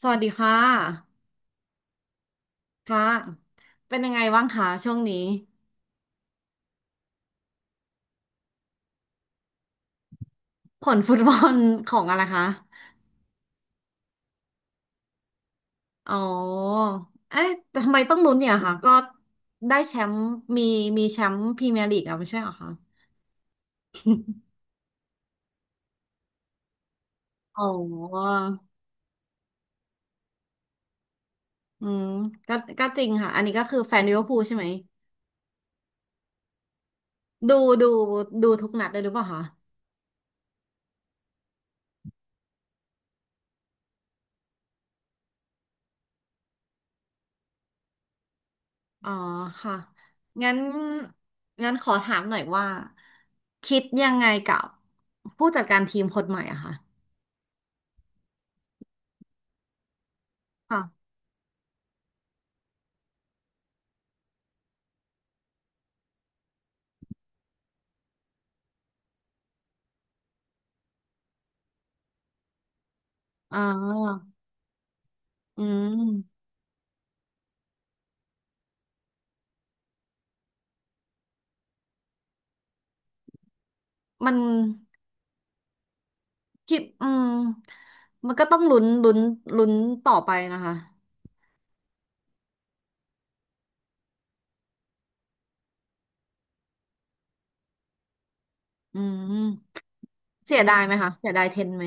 สวัสดีค่ะค่ะเป็นยังไงบ้างคะช่วงนี้ผลฟุตบอลของอะไรคะอ๋อ เอ๊ะแต่ทำไมต้องลุ้นเนี่ยคะก็ได้แชมป์มีมีแชมป์พรีเมียร์ลีกอะไม่ใช่เหรอคะอ๋อ อืมก็จริงค่ะ อันนี้ก็คือแฟนลิเวอร์พูลใช่ไหมดูดูดูทุกนัดเลยหรือเปล่าคะอ๋อค่ะ งั้นงั้นขอถามหน่อยว่าคิดยังไงกับผู้จัดการทีมคนใหม่อะคะค่ะอ๋อ อืมมันคิดอืมมันก็ต้องลุ้นต่อไปนะคะอืมเสียดายไหมคะเสียดายเทนไหม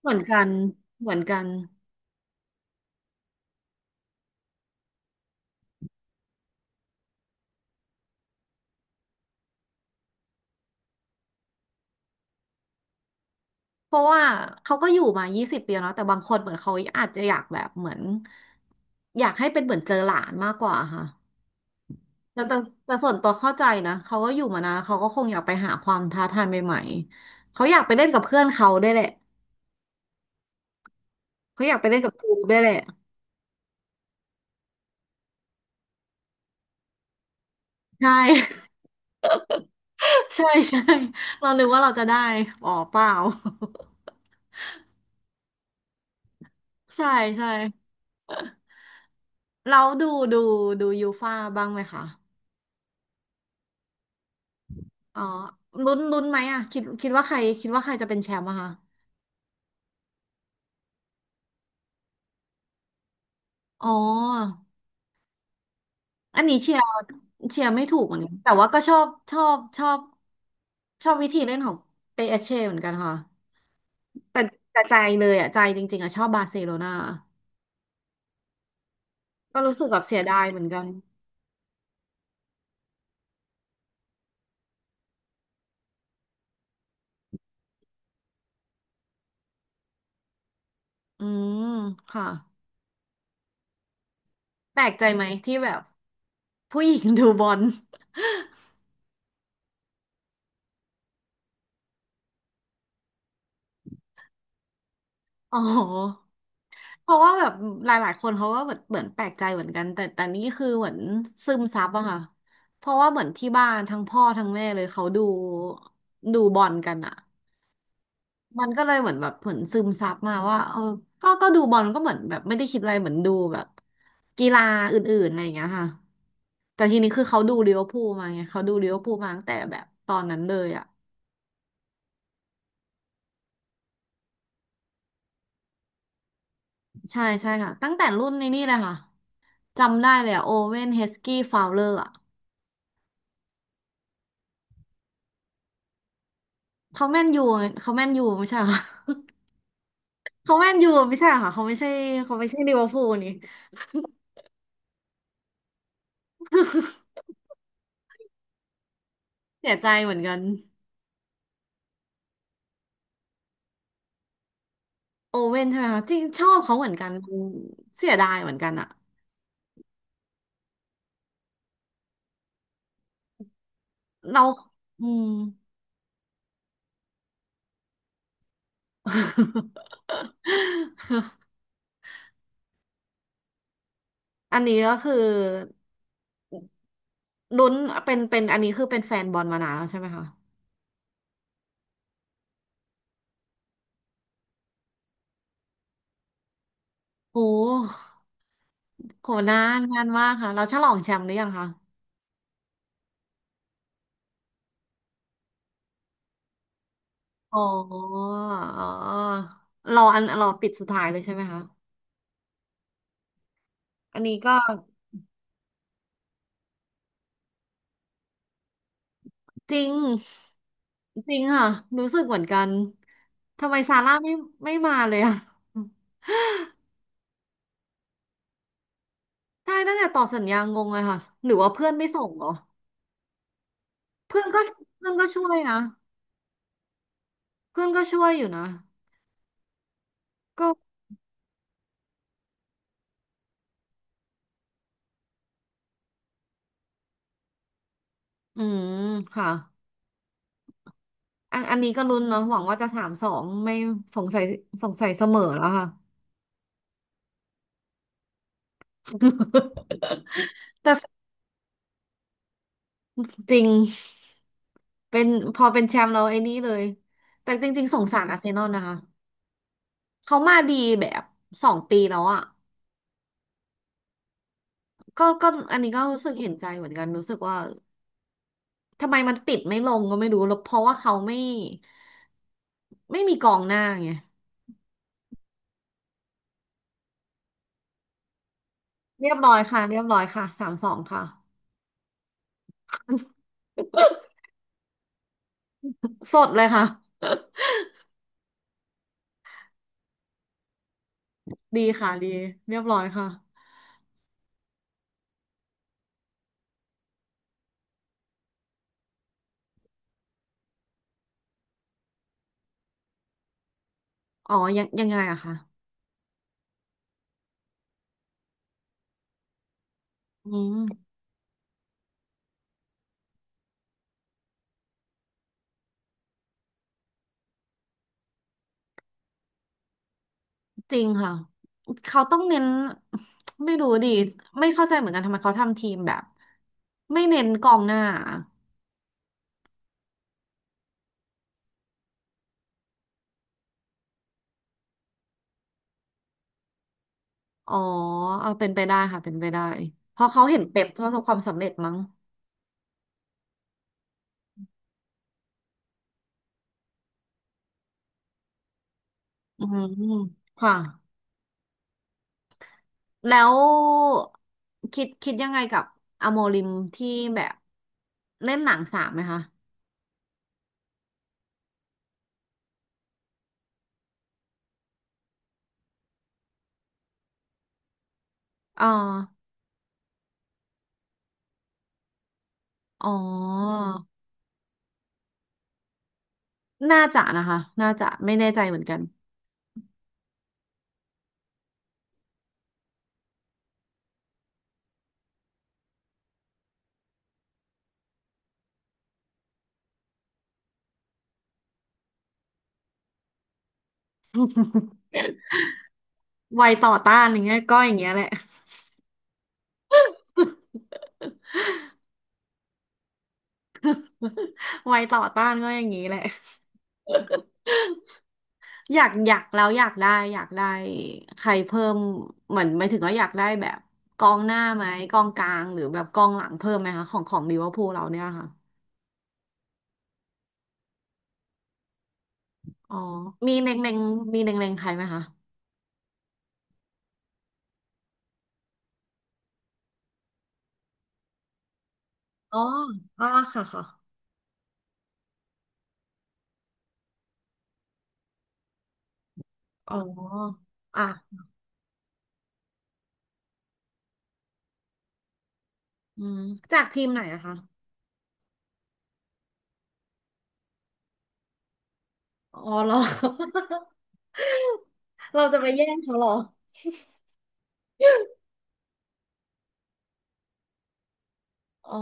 เหมือนกันเหมือนกันเพราะว่าเขาก็อยู่มา20 ปีแล้วเนอะแต่บางคนเหมือนเขาอาจจะอยากแบบเหมือนอยากให้เป็นเหมือนเจอหลานมากกว่าค่ะแต่แต่แต่ส่วนตัวเข้าใจนะเขาก็อยู่มานานเขาก็คงอยากไปหาความท้าทายใหม่ๆเขาอยากไปเล่นกับเพื่อนเขาได้วยแหละเขาอยากไปเล่นกับจูได้วยแหละใช่ ใช่ใช่เรานึกว่าเราจะได้อ๋อเปล่า ใช่ใช่เราดูดูยูฟ่าบ้างไหมคะอ๋อลุ้นไหมอ่ะคิดว่าใครจะเป็นแชมป์อะคะอ๋ออันนี้เชียร์เชียร์ไม่ถูกเหมือนกันแต่ว่าก็ชอบวิธีเล่นของเปเช่เหมือนกันค่ะแต่แต่ใจเลยอ่ะใจจริงๆอ่ะชอบบาร์เซโลนาก็รู้สึกแบบเสียดายเหมือนกันอืมค่ะแปลกใจไหมที่แบบผู้หญิงดูบอล อ๋อเพราะว่าแบบหลายๆคนเขาก็แบบเหมือนแปลกใจเหมือนกันแต่นี่คือเหมือนซึมซับอะค่ะ เพราะว่าเหมือนที่บ้านทั้งพ่อทั้งแม่เลยเขาดูบอลกันอะมันก็เลยเหมือนแบบเหมือนซึมซับมาว่าเออก็ดูบอลก็เหมือนแบบไม่ได้คิดอะไรเหมือนดูแบบกีฬาอื่นๆอะไรอย่างเงี้ยค่ะแต่ทีนี้คือเขาดูลิเวอร์พูลมาไงเขาดูลิเวอร์พูลมาตั้งแต่แบบตอนนั้นเลยอะใช่ใช่ค่ะตั้งแต่รุ่นนี้นี่เลยค่ะจำได้เลยอะโอเวนเฮสกี้ฟาวเลอร์ เขาแมนยูเขาแมนยูไม่ใช่เหรอ เขาแมนยูไม่ใช่เหรอค่ะเขาไม่ใช่เขาไม่ใช่ลิเวอร์พูลนี่เสียใจเหมือนกันโอเว่นใช่ไหมคะจริงชอบเขาเหมือนกันเสียดายเหมือนกันอะเราอืม อันนี้ก็คือลุ้นเป็นอันนี้คือเป็นแฟนบอลมานานแล้วใช่ไหมคะโอ้โหนานนานมากค่ะเราฉลองแชมป์หรือยังคะอ๋ออ๋อรออันรอปิดสุดท้ายเลยใช่ไหมคะอันนี้ก็ จริงจริงอ่ะรู้สึกเหมือนกันทำไมซาร่าไม่มาเลยอ่ะ ใช่ตั้งแต่ต่อสัญญางงเลยค่ะหรือว่าเพื่อนไม่ส่งเหรอเพื่อนก็เพื่อนก็ช่วยนะเพื่อนก็ช่วยอยู่นะก็อืมค่ะอันนี้ก็ลุ้นเนาะหวังว่าจะสามสองไม่สงสัยสงสัยเสมอแล้วค่ะ แต่จริงเป็นพอเป็นแชมป์เราไอ้นี่เลยแต่จริงๆสงสารอาร์เซนอลนะคะเขามาดีแบบ2 ปีแล้วอ่ะ ก็อันนี้ก็รู้สึกเห็นใจเหมือนกันรู้สึกว่าทำไมมันปิดไม่ลงก็ไม่รู้แล้วเพราะว่าเขาไม่มีกองหน้าไงเรียบร้อยค่ะเรียบร้อยค่ะสามสองค่ะสดเลยค่ะ ดีค่ะดีเรียบร้อยค่ะอ๋อยังไงอะคะอืมจริงค่ะเขาต้องเน้นไม่รู้ดิไม่เข้าใจเหมือนกันทำไมเขาทำทีมแบบไม่เน้นกองหน้าออ๋อเอาเป็นไปได้ค่ะเป็นไปได้เพราะเขาเห็นเป๊ปประสบความสำเร็จมั้งอืมค่ะ แล้วคิดยังไงกับอโมริมที่แบบเล่นหนังสามไหมคะอ๋ออ๋อน่าจะนะคะน่าจะไม่แน่ใจเหมือนกันวัยต่อต้านอย่างเงี้ยก็อย่างเงี้ยแหละ วัยต่อต้านก็อย่างงี้แหละอยากแล้วอยากได้ใครเพิ่มเหมือนไม่ถึงว่าอยากได้แบบกองหน้าไหมกองกลางหรือแบบกองหลังเพิ่มไหมคะของลิเวอร์พูลเราเนี่ยค่ะอ๋อมีเล็งๆมีเล็งๆใครไหมคะอ๋ออ่าค่ะค่ะ อ๋ออ่ะอืมจากทีมไหนนะคะ อ๋อเหรอ เราจะไปแย่งเขาเหรอ อ๋อ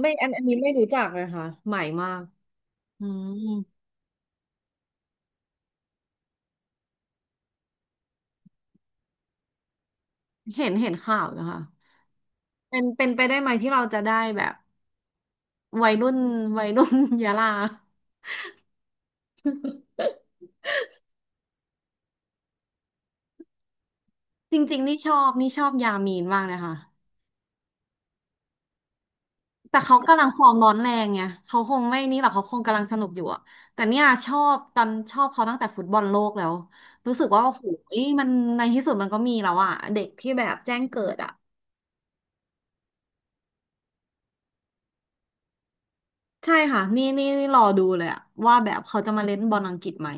ไม่อันนี้ไม่รู้จักเลยค่ะใหม่มากอืมเห็นข่าวนะคะเป็นไปได้ไหมที่เราจะได้แบบวัยรุ่นวัยรุ่น ยะลา จริงๆนี่ชอบยามีนมากเลยค่ะ แต่เขากำลังฟอร์มร้อนแรงไงเขาคงไม่นี่หรอกเขาคงกำลังสนุกอยู่อะแต่เนี่ยชอบตอนชอบเขาตั้งแต่ฟุตบอลโลกแล้วรู้สึกว่าโอ้โหมันในที่สุดมันก็มีแล้วอะเด็กที่แบบแจ้งเกิดอะใช่ค่ะนี่รอดูเลยอะว่าแบบเขาจะมาเล่นบอลอังกฤษไหม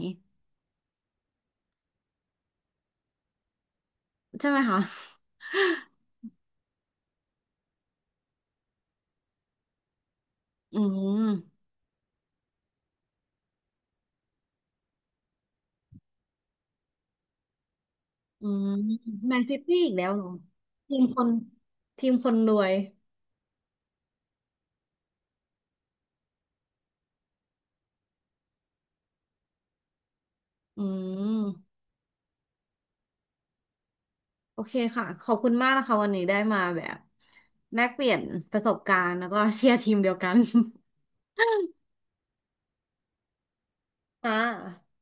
ใช่ไหมคะอืมอืมแมนซิตี้อีกแล้วเหรอทีมคนทีมคนรวยอืม โอเคค่ะขอบคุณมากนะคะวันนี้ได้มาแบบแลกเปลี่ยนประสบการณ์แล้วก็เชียร์ทีมเดียวกัน ค่ะ